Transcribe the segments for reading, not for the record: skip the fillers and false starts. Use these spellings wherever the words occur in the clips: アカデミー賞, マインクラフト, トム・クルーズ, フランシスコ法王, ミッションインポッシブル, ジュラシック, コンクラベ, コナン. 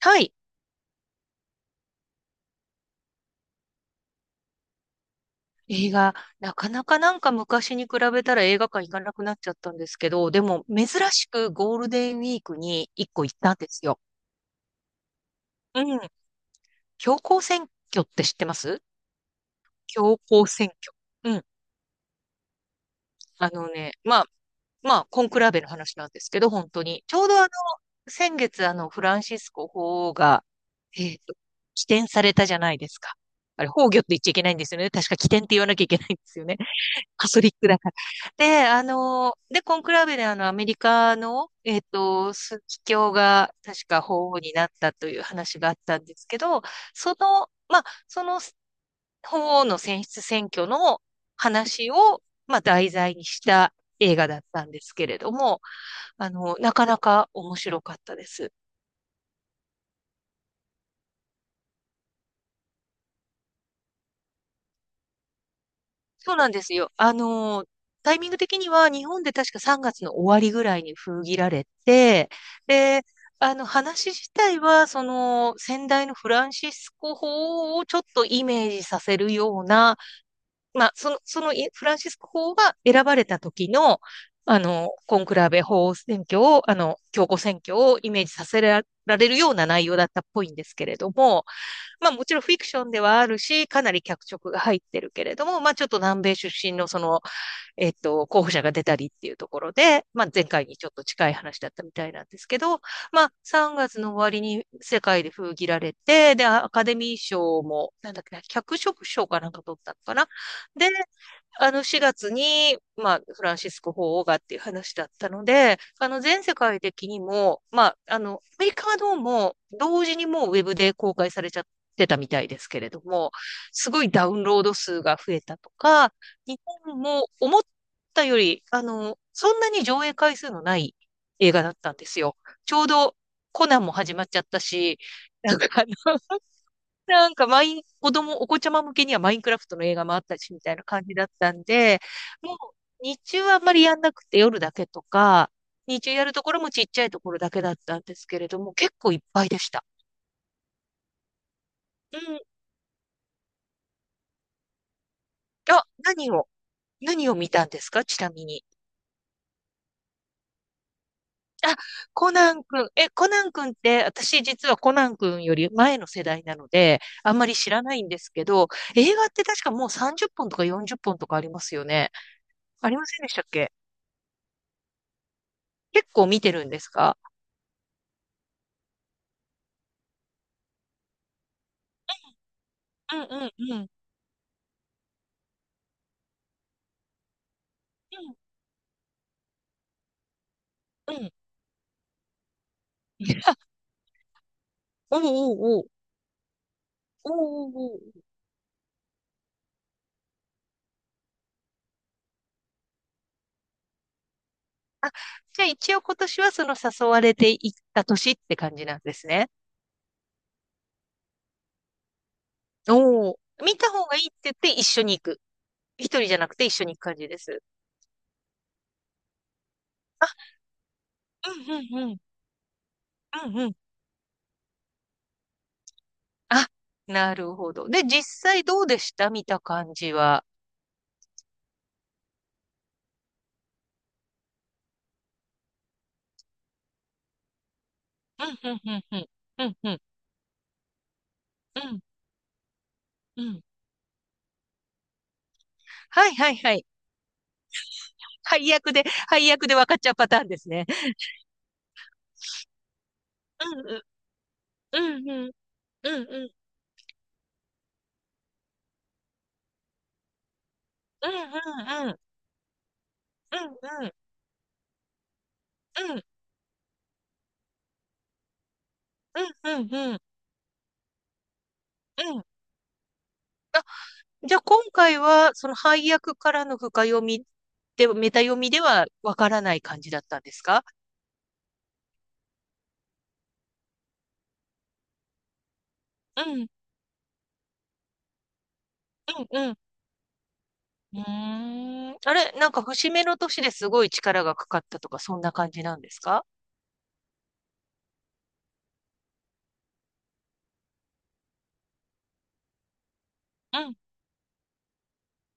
はい。映画、なかなかなんか昔に比べたら映画館行かなくなっちゃったんですけど、でも珍しくゴールデンウィークに一個行ったんですよ。うん。強行選挙って知ってます？強行選挙。うん。あのね、まあ、まあ、コンクラベの話なんですけど、本当に。ちょうど先月フランシスコ法王が、えっと、起点されたじゃないですか。あれ、崩御って言っちゃいけないんですよね。確か起点って言わなきゃいけないんですよね。カソリックだから。で、コンクラベでアメリカの、枢機卿が確か法皇になったという話があったんですけど、その法皇の選出選挙の話を、まあ、題材にした映画だったんですけれども、なかなか面白かったです。そうなんですよ。タイミング的には日本で確か3月の終わりぐらいに封切られて、で、あの話自体は、その先代のフランシスコ法をちょっとイメージさせるような、まあ、そのフランシスコ法が選ばれた時の、コンクラーベ法選挙を、教皇選挙をイメージさせられるような内容だったっぽいんですけれども、まあもちろんフィクションではあるし、かなり脚色が入ってるけれども、まあちょっと南米出身のその候補者が出たりっていうところで、まあ、前回にちょっと近い話だったみたいなんですけど、まあ、3月の終わりに世界で封切られて、で、アカデミー賞も、なんだっけな、脚色賞かなんか取ったのかな。で、4月に、まあ、フランシスコ法王がっていう話だったので、全世界的にも、まあ、アメリカはどうも、同時にもうウェブで公開されちゃってたみたいですけれども、すごいダウンロード数が増えたとか、日本も思っったより、そんなに上映回数のない映画だったんですよ。ちょうどコナンも始まっちゃったし、なんかなんかマイン、子供、お子ちゃま向けにはマインクラフトの映画もあったし、みたいな感じだったんで、もう日中はあんまりやんなくて夜だけとか、日中やるところもちっちゃいところだけだったんですけれども、結構いっぱいでした。うん。あ、何を見たんですか、ちなみに？あ、コナン君。え、コナン君って、私実はコナン君より前の世代なので、あんまり知らないんですけど、映画って確かもう30本とか40本とかありますよね。ありませんでしたっけ？結構見てるんですか？うんうんうん。うんうん。おうおうおう。おうおうおう。あ、じゃあ一応今年はその誘われていった年って感じなんですね。おお。見た方がいいって言って一緒に行く。一人じゃなくて一緒に行く感じです。あ、うんうんうん。うんうん。あ、なるほど。で、実際どうでした、見た感じは？うん、うん、うん、うん、うん、うん、うん、うん。はい、はい、はい。配役で、配役で分かっちゃうパターンですね。うん、うん、うん、うん、うん、うん、うん、うん、うん、うん、うん、うん、うん、うん。うん。じゃあ今回は、その配役からの深読みで、メタ読みでは分からない感じだったんですか？うん、うん、うーん。あれ、なんか節目の年ですごい力がかかったとか、そんな感じなんですか？うん、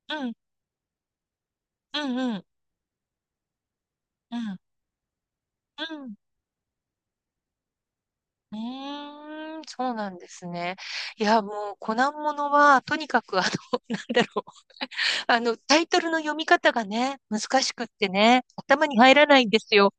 うん、うん、うん、うん、うん。うーん、そうなんですね。いや、もう、コナンものは、とにかく、なんだろう。タイトルの読み方がね、難しくってね、頭に入らないんですよ。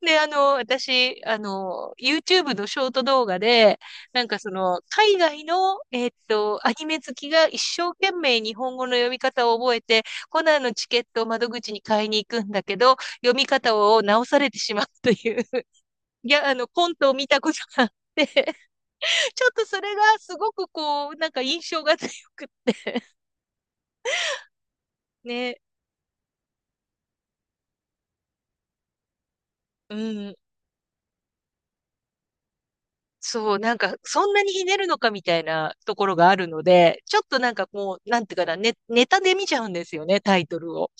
で、私、YouTube のショート動画で、なんか海外の、アニメ好きが一生懸命日本語の読み方を覚えて、コナンのチケットを窓口に買いに行くんだけど、読み方を直されてしまうという、いや、コントを見たことがあって、ちょっとそれがすごくなんか印象が強くって、ね、うん。そう、なんか、そんなにひねるのかみたいなところがあるので、ちょっとなんかなんていうかな、ね、ネタで見ちゃうんですよね、タイトルを。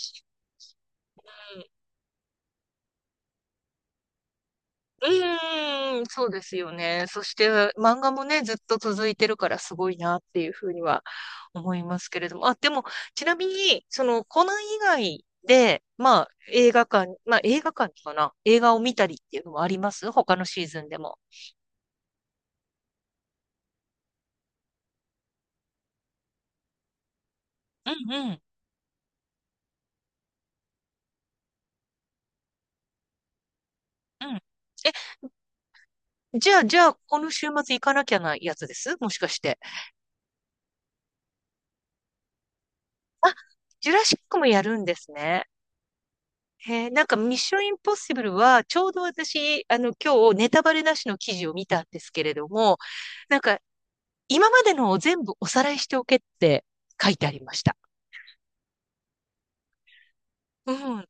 うん、うーん、そうですよね。そして、漫画もね、ずっと続いてるからすごいなっていうふうには思いますけれども。あ、でも、ちなみに、コナン以外で、まあ、映画館かな映画を見たりっていうのもあります、他のシーズンでも？うん、うん、うん。え、じゃあ、この週末行かなきゃなやつですもしかして？あ、ジュラシックもやるんですね。へえ、なんかミッションインポッシブルは、ちょうど私、今日ネタバレなしの記事を見たんですけれども、なんか、今までのを全部おさらいしておけって書いてありました。うん。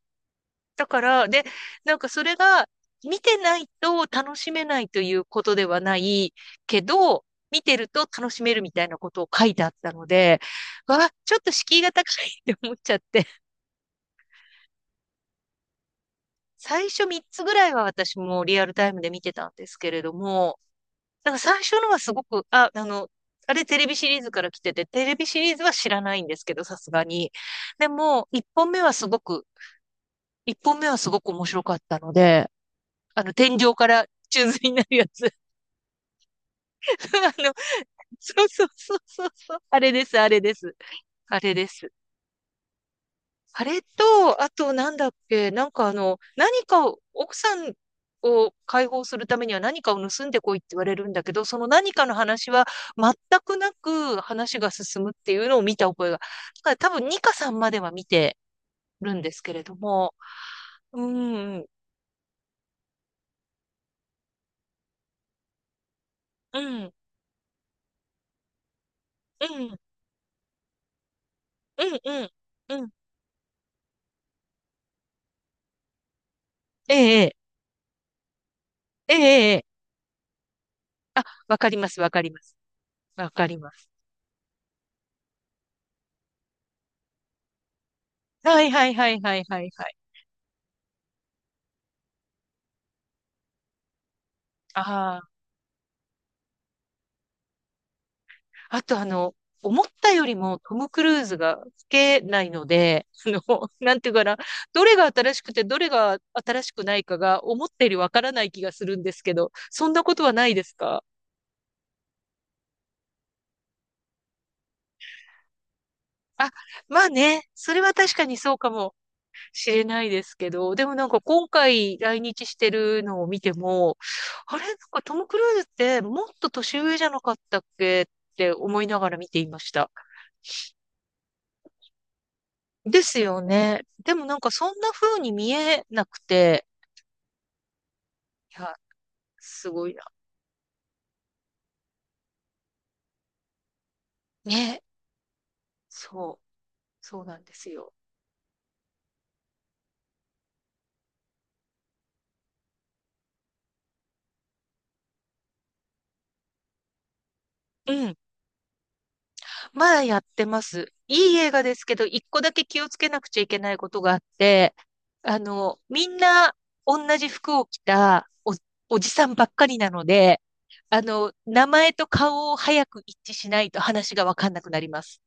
だから、で、なんかそれが、見てないと楽しめないということではないけど、見てると楽しめるみたいなことを書いてあったので、わあ、ちょっと敷居が高いって思っちゃって。最初3つぐらいは私もリアルタイムで見てたんですけれども、なんか最初のはすごく、あ、あれテレビシリーズから来てて、テレビシリーズは知らないんですけど、さすがに。でも、1本目はすごく、一本目はすごく面白かったので、天井から宙吊りになるやつ。あの、そうそうそうそうそう。あれです、あれです。あれです。あれと、あとなんだっけ、なんか何かを、奥さんを解放するためには何かを盗んでこいって言われるんだけど、その何かの話は全くなく話が進むっていうのを見た覚えが。だから多分2かさんまでは見てるんですけれども、うん、うん、うん、うん、うん、うん、ええ、ええ、ええ、ええ。あ、わかります、わかります。わかります。はいはいはいはいはいはい。ああ。あと思ったよりもトム・クルーズが老けないので、なんていうかな、どれが新しくてどれが新しくないかが思ったよりわからない気がするんですけど、そんなことはないですか？あ、まあね、それは確かにそうかもしれないですけど、でもなんか今回来日してるのを見ても、あれ、なんかトム・クルーズってもっと年上じゃなかったっけって思いながら見ていました。ですよね。でもなんかそんな風に見えなくて、いや、すごいな。ね。そう。そうなんですよ。うん。まだやってます。いい映画ですけど、一個だけ気をつけなくちゃいけないことがあって、みんな同じ服を着たおじさんばっかりなので、名前と顔を早く一致しないと話がわかんなくなります。